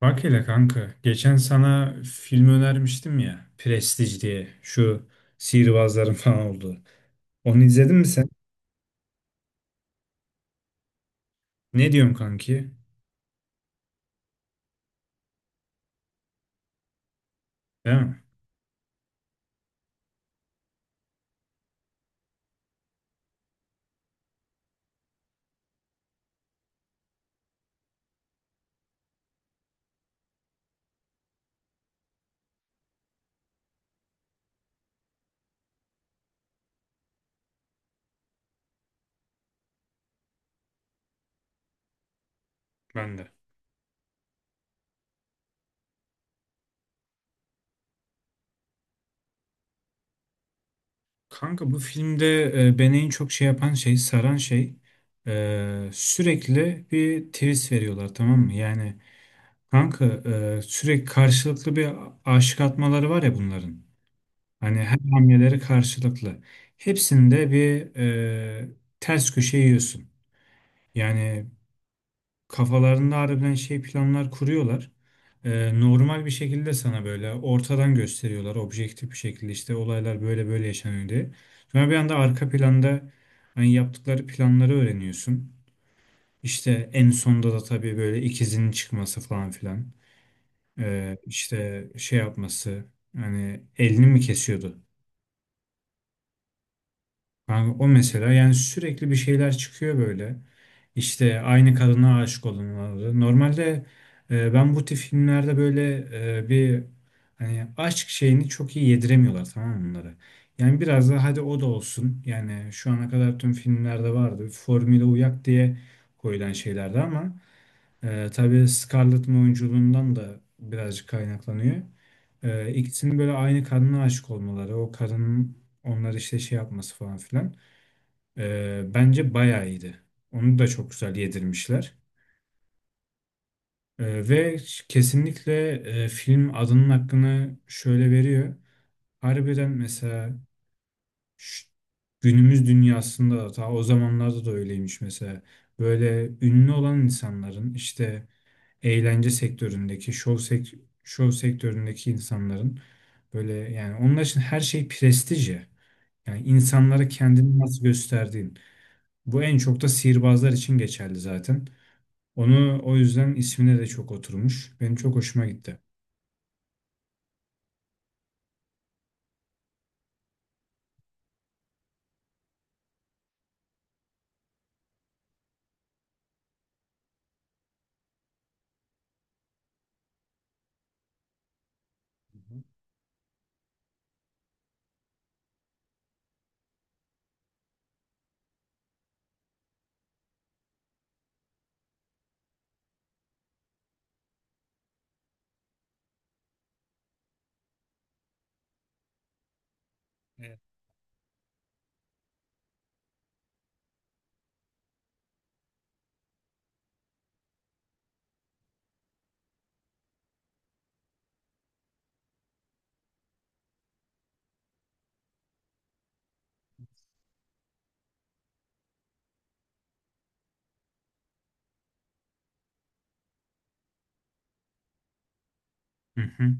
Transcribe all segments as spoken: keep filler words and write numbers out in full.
Bak hele kanka, geçen sana film önermiştim ya, Prestige diye, şu sihirbazların falan olduğu. Onu izledin mi sen? Ne diyorsun kanki? Değil mi? Ben de. Kanka bu filmde e, beni en çok şey yapan şey, saran şey e, sürekli bir twist veriyorlar tamam mı? Yani kanka e, sürekli karşılıklı bir aşık atmaları var ya bunların. Hani her hamleleri karşılıklı. Hepsinde bir e, ters köşe yiyorsun. Yani kafalarında harbiden şey planlar kuruyorlar. Ee, normal bir şekilde sana böyle ortadan gösteriyorlar objektif bir şekilde işte olaylar böyle böyle yaşanıyor diye. Sonra bir anda arka planda hani yaptıkları planları öğreniyorsun. İşte en sonda da tabii böyle ikizinin çıkması falan filan. Ee, işte şey yapması hani elini mi kesiyordu? Yani o mesela yani sürekli bir şeyler çıkıyor böyle. İşte aynı kadına aşık olunmaları. Normalde e, ben bu tip filmlerde böyle e, bir hani aşk şeyini çok iyi yediremiyorlar tamam mı bunları. Yani biraz da hadi o da olsun. Yani şu ana kadar tüm filmlerde vardı. Formüle uyak diye koyulan şeylerdi ama e, tabii Scarlett'ın oyunculuğundan da birazcık kaynaklanıyor. E, ikisinin böyle aynı kadına aşık olmaları, o kadının onları işte şey yapması falan filan. E, bence bayağı iyiydi. Onu da çok güzel yedirmişler. Ee, ve kesinlikle e, film adının hakkını şöyle veriyor. Harbiden mesela ş- günümüz dünyasında da ta o zamanlarda da öyleymiş mesela. Böyle ünlü olan insanların işte eğlence sektöründeki, şov, sek şov sektöründeki insanların böyle yani onlar için her şey prestij ya. Yani insanlara kendini nasıl gösterdiğin. Bu en çok da sihirbazlar için geçerli zaten. Onu o yüzden ismine de çok oturmuş. Benim çok hoşuma gitti. Hı hı. Evet. Hı hı.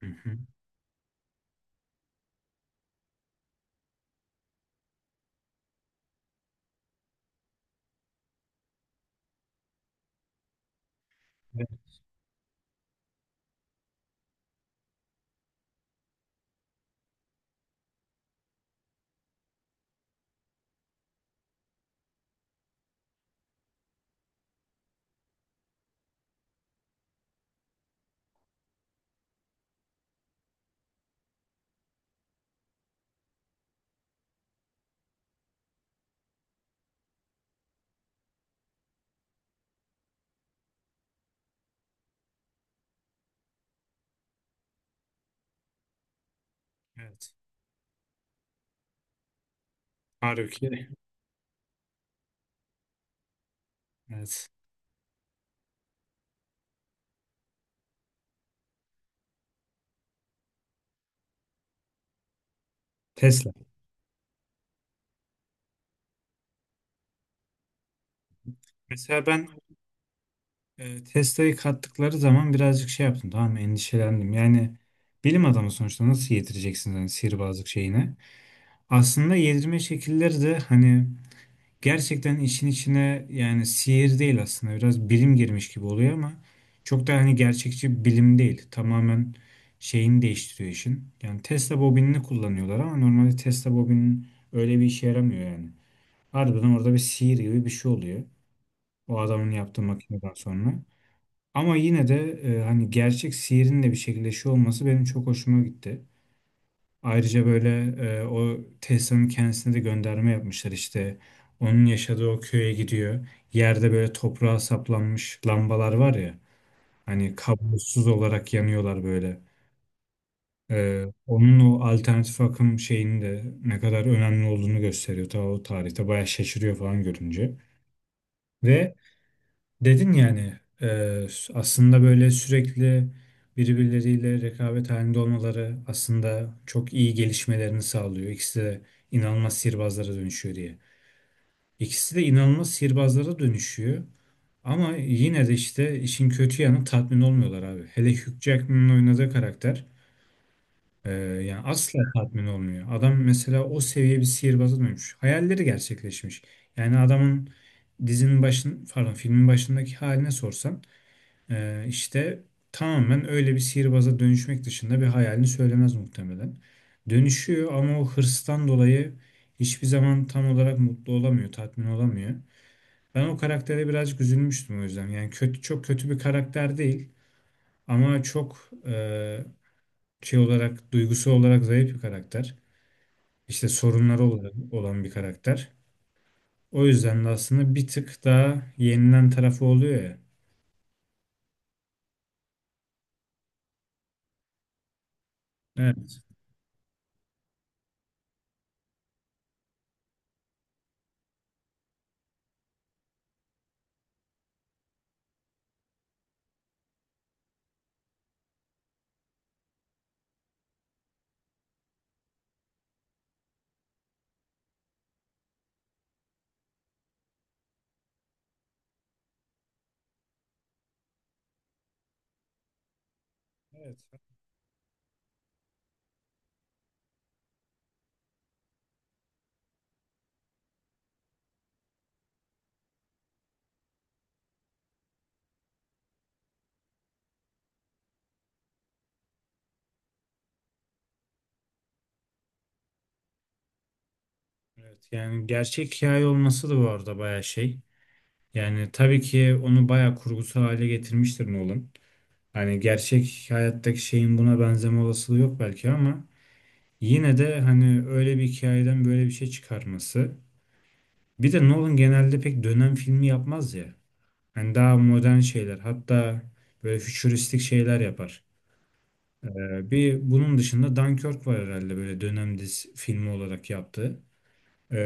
Hı hı. Evet. Evet. Halbuki evet. Tesla. Mesela ben e, Tesla'yı kattıkları zaman birazcık şey yaptım tamam mı? Endişelendim. Yani bilim adamı sonuçta nasıl yedireceksiniz hani sihirbazlık şeyine. Aslında yedirme şekilleri de hani gerçekten işin içine yani sihir değil aslında biraz bilim girmiş gibi oluyor ama çok da hani gerçekçi bilim değil. Tamamen şeyini değiştiriyor işin. Yani Tesla bobinini kullanıyorlar ama normalde Tesla bobinin öyle bir işe yaramıyor yani. Harbiden orada bir sihir gibi bir şey oluyor. O adamın yaptığı makineden sonra. Ama yine de e, hani gerçek sihirin de bir şekilde şey olması benim çok hoşuma gitti. Ayrıca böyle e, o Tessa'nın kendisine de gönderme yapmışlar işte. Onun yaşadığı o köye gidiyor. Yerde böyle toprağa saplanmış lambalar var ya. Hani kablosuz olarak yanıyorlar böyle. E, onun o alternatif akım şeyinin de ne kadar önemli olduğunu gösteriyor. Ta o tarihte bayağı şaşırıyor falan görünce. Ve dedin yani, e, aslında böyle sürekli birbirleriyle rekabet halinde olmaları aslında çok iyi gelişmelerini sağlıyor. İkisi de inanılmaz sihirbazlara dönüşüyor diye. İkisi de inanılmaz sihirbazlara dönüşüyor. Ama yine de işte işin kötü yanı tatmin olmuyorlar abi. Hele Hugh Jackman'ın oynadığı karakter e, yani asla tatmin olmuyor. Adam mesela o seviye bir sihirbaza dönmüş. Hayalleri gerçekleşmiş. Yani adamın dizinin başın pardon filmin başındaki haline sorsan ee, işte tamamen öyle bir sihirbaza dönüşmek dışında bir hayalini söylemez muhtemelen. Dönüşüyor ama o hırstan dolayı hiçbir zaman tam olarak mutlu olamıyor, tatmin olamıyor. Ben o karaktere birazcık üzülmüştüm o yüzden. Yani kötü çok kötü bir karakter değil ama çok e, şey olarak duygusu olarak zayıf bir karakter. İşte sorunları olarak olan bir karakter. O yüzden de aslında bir tık daha yenilen tarafı oluyor ya. Evet. Evet. Evet, yani gerçek hikaye olması da bu arada bayağı şey. Yani tabii ki onu bayağı kurgusal hale getirmiştir Nolan. Hani gerçek hayattaki şeyin buna benzeme olasılığı yok belki ama yine de hani öyle bir hikayeden böyle bir şey çıkarması. Bir de Nolan genelde pek dönem filmi yapmaz ya. Hani daha modern şeyler hatta böyle fütüristik şeyler yapar. Ee, bir bunun dışında Dunkirk var herhalde böyle dönem dizi filmi olarak yaptığı. Ee,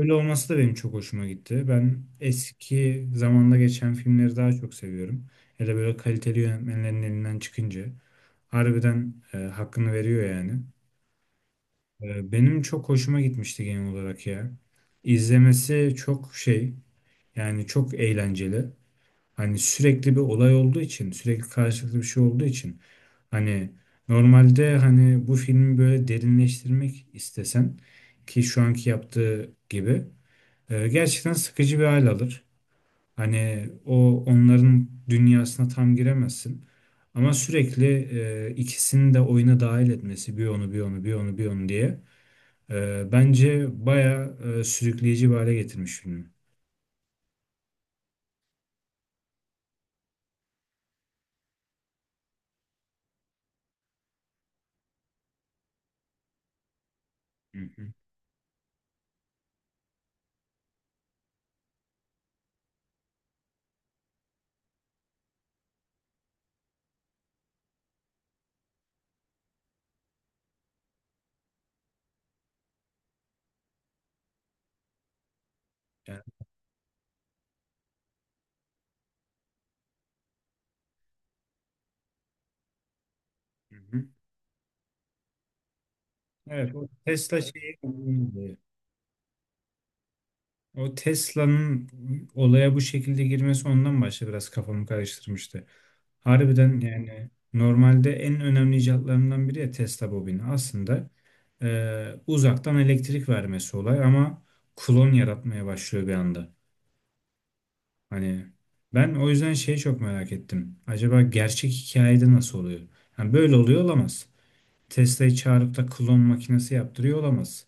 öyle olması da benim çok hoşuma gitti. Ben eski zamanda geçen filmleri daha çok seviyorum. Hele böyle kaliteli yönetmenlerin elinden çıkınca harbiden e, hakkını veriyor yani. Ee, benim çok hoşuma gitmişti genel olarak ya. İzlemesi çok şey yani çok eğlenceli. Hani sürekli bir olay olduğu için sürekli karşılıklı bir şey olduğu için hani normalde hani bu filmi böyle derinleştirmek istesen ki şu anki yaptığı gibi ee, gerçekten sıkıcı bir hal alır. Hani o onların dünyasına tam giremezsin. Ama sürekli e, ikisini de oyuna dahil etmesi bir onu bir onu bir onu bir onu diye e, bence baya sürükleyici bir hale getirmiş filmi. Hı hı. Yani, hı hı. Evet, o Tesla şeyi o Tesla'nın olaya bu şekilde girmesi ondan başta biraz kafamı karıştırmıştı. Harbiden yani normalde en önemli icatlarından biri ya Tesla bobini. Aslında e, uzaktan elektrik vermesi olay ama klon yaratmaya başlıyor bir anda. Hani ben o yüzden şeyi çok merak ettim. Acaba gerçek hikayede nasıl oluyor? Yani böyle oluyor olamaz. Tesla'yı çağırıp da klon makinesi yaptırıyor olamaz.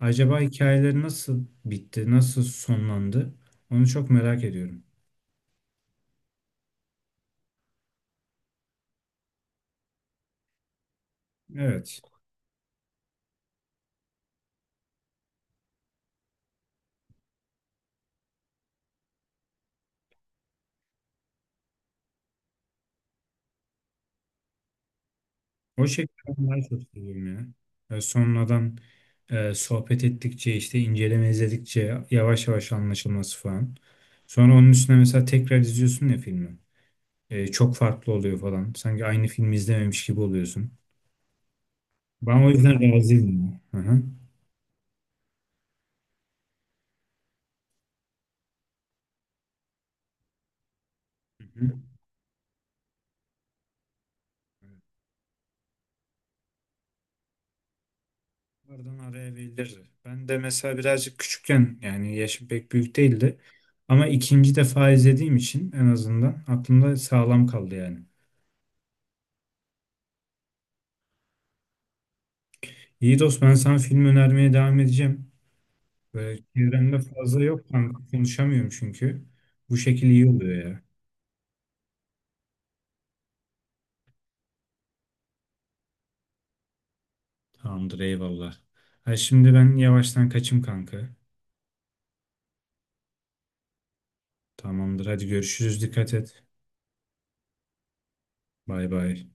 Acaba hikayeleri nasıl bitti, nasıl sonlandı? Onu çok merak ediyorum. Evet. O şekilde ben daha çok seviyorum ya. E, sonradan e, sohbet ettikçe işte inceleme izledikçe yavaş yavaş anlaşılması falan. Sonra onun üstüne mesela tekrar izliyorsun ya filmi. E, çok farklı oluyor falan. Sanki aynı filmi izlememiş gibi oluyorsun. Ben o yüzden razıyım ya. Hı hı. Hı hı. Bunlardan araya verilirdi. Ben de mesela birazcık küçükken yani yaşım pek büyük değildi. Ama ikinci defa izlediğim için en azından aklımda sağlam kaldı yani. İyi dost ben sana film önermeye devam edeceğim. Böyle çevremde fazla yok kanka. Konuşamıyorum çünkü. Bu şekil iyi oluyor ya. Tamamdır eyvallah. Ha şimdi ben yavaştan kaçım kanka. Tamamdır hadi görüşürüz dikkat et. Bay bay.